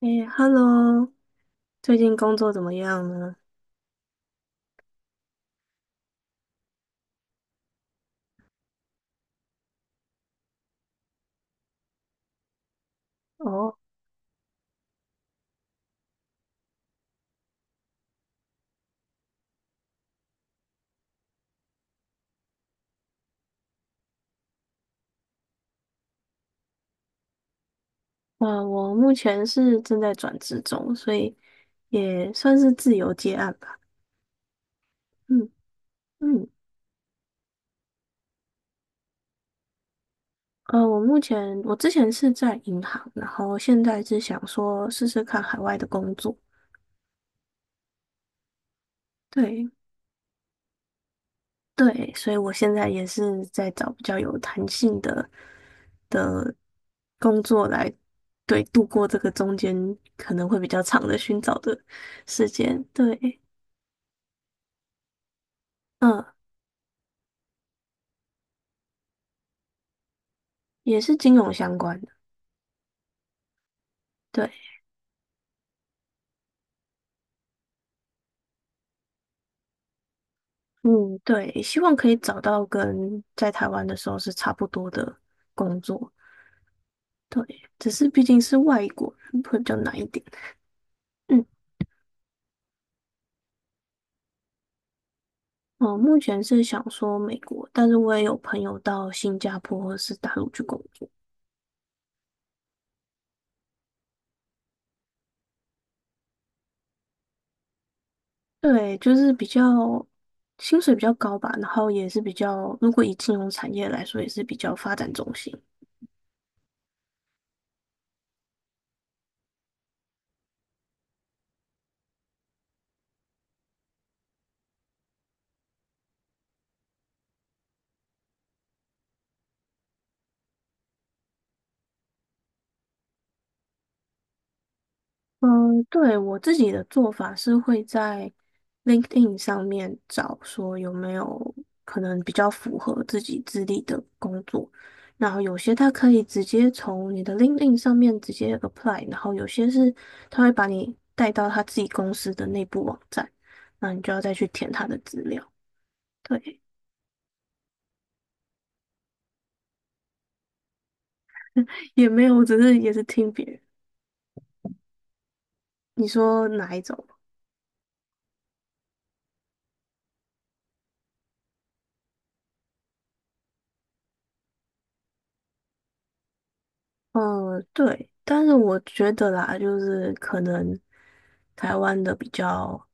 诶，Hello，最近工作怎么样呢？哦，我目前是正在转职中，所以也算是自由接案吧。嗯嗯。我之前是在银行，然后现在是想说试试看海外的工作。对对，所以我现在也是在找比较有弹性的的工作来，对，度过这个中间可能会比较长的寻找的时间。对，嗯，也是金融相关的。对，嗯，对，希望可以找到跟在台湾的时候是差不多的工作。对，只是毕竟是外国人，会比较难一点。嗯，我目前是想说美国，但是我也有朋友到新加坡或是大陆去工作。对，就是比较薪水比较高吧，然后也是比较，如果以金融产业来说，也是比较发展中心。嗯，对，我自己的做法是会在 LinkedIn 上面找说有没有可能比较符合自己资历的工作，然后有些他可以直接从你的 LinkedIn 上面直接 apply，然后有些是他会把你带到他自己公司的内部网站，那你就要再去填他的资料。对，也没有，我只是也是听别人。你说哪一种？嗯，对，但是我觉得啦，就是可能台湾的比较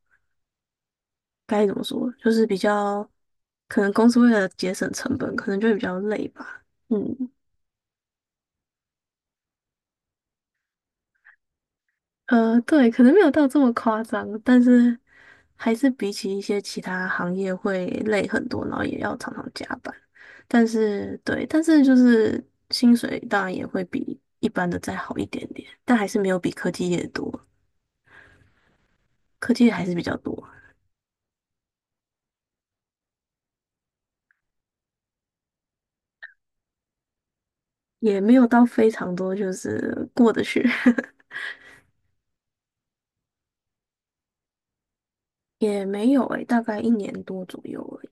该怎么说，就是比较可能公司为了节省成本，可能就会比较累吧。嗯，对，可能没有到这么夸张，但是还是比起一些其他行业会累很多，然后也要常常加班。但是对，但是就是薪水当然也会比一般的再好一点点，但还是没有比科技业多，科技业还是比较多。也没有到非常多，就是过得去。也没有诶，大概一年多左右诶。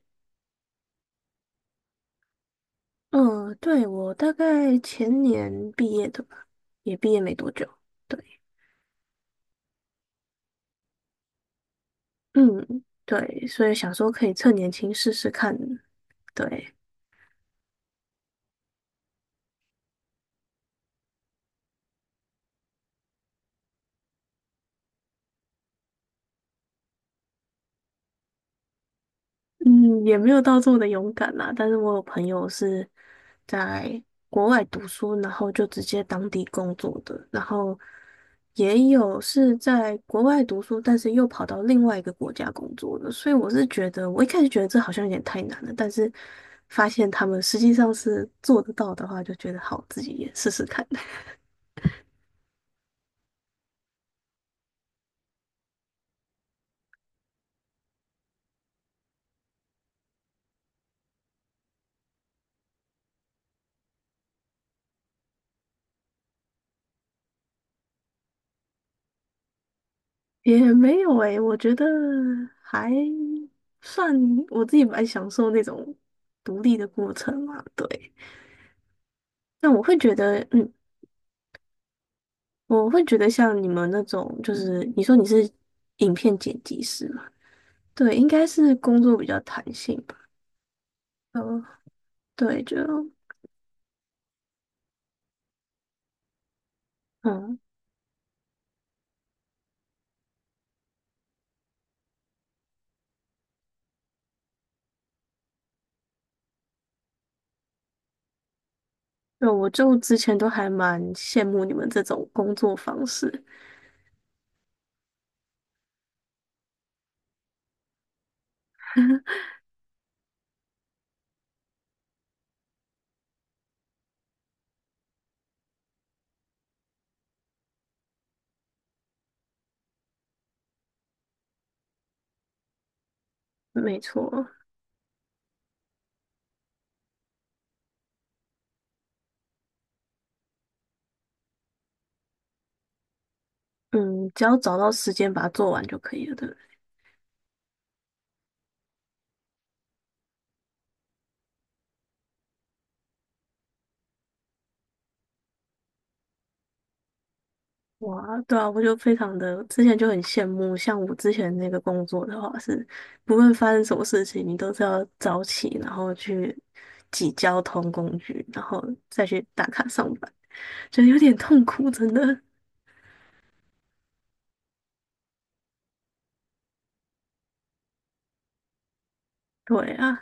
嗯，对，我大概前年毕业的吧，也毕业没多久。对，嗯，对，所以想说可以趁年轻试试看。对，嗯，也没有到这么的勇敢啦，但是我有朋友是在国外读书，然后就直接当地工作的，然后也有是在国外读书，但是又跑到另外一个国家工作的，所以我是觉得，我一开始觉得这好像有点太难了，但是发现他们实际上是做得到的话，就觉得好，自己也试试看。也没有诶，我觉得还算我自己蛮享受那种独立的过程嘛，对。那我会觉得，像你们那种，就是你说你是影片剪辑师嘛，对，应该是工作比较弹性吧。嗯，对，就嗯，对，我就之前都还蛮羡慕你们这种工作方式。没错，嗯，只要找到时间把它做完就可以了，对不对？哇，对啊，我就非常的，之前就很羡慕，像我之前那个工作的话是，不论发生什么事情，你都是要早起，然后去挤交通工具，然后再去打卡上班，觉得有点痛苦，真的。对啊，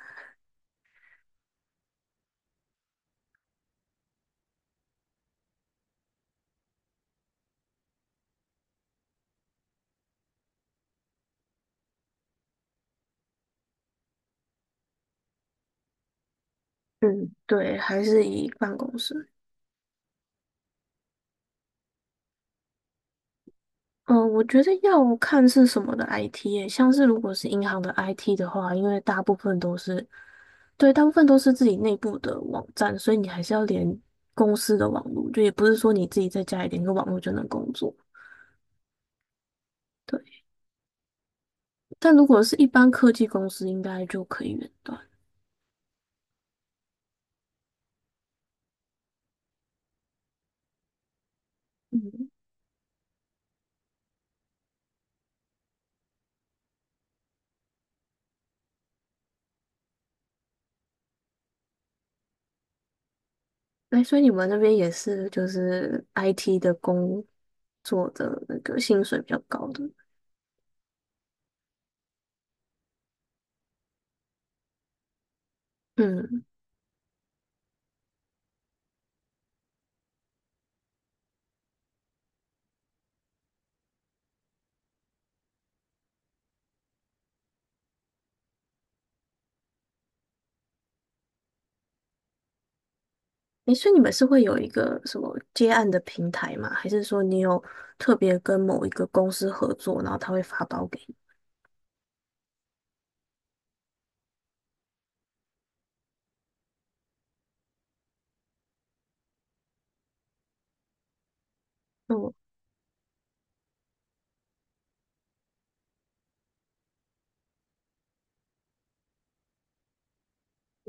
嗯，对，还是以办公室。嗯，我觉得要看是什么的 IT 耶，像是如果是银行的 IT 的话，因为大部分都是，对，大部分都是自己内部的网站，所以你还是要连公司的网络，就也不是说你自己在家里连个网络就能工作。对，但如果是一般科技公司，应该就可以远端。嗯，哎，所以你们那边也是就是 IT 的工作的那个薪水比较高的。嗯。诶，所以你们是会有一个什么接案的平台吗？还是说你有特别跟某一个公司合作，然后他会发包给你？嗯，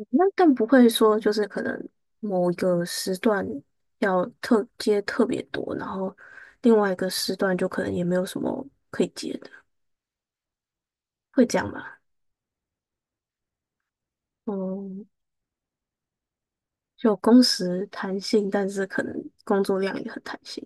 那更不会说就是可能某一个时段要特接特别多，然后另外一个时段就可能也没有什么可以接的，会这样吗？嗯，就工时弹性，但是可能工作量也很弹性。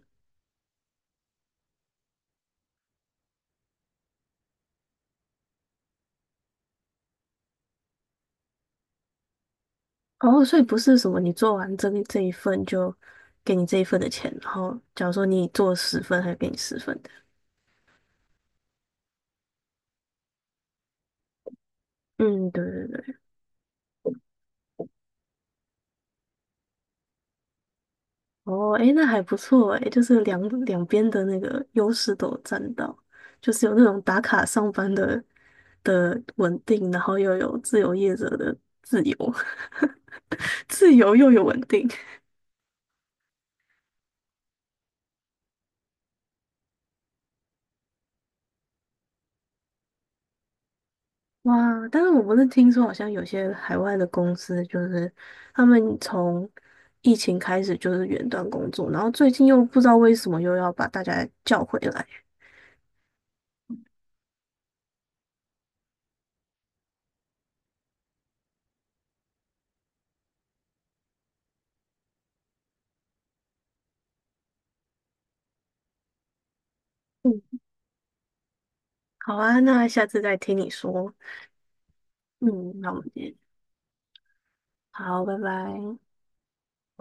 哦，所以不是什么你做完这个这一份就给你这一份的钱，然后假如说你做十份，还给你十份的。嗯，对对对。哦，诶，那还不错诶，就是两边的那个优势都有占到，就是有那种打卡上班的稳定，然后又有自由业者的自由，自由又有稳定。哇！但是我不是听说，好像有些海外的公司，就是他们从疫情开始就是远端工作，然后最近又不知道为什么又要把大家叫回来。嗯，好啊，那下次再听你说。嗯，那我们见，好，拜拜。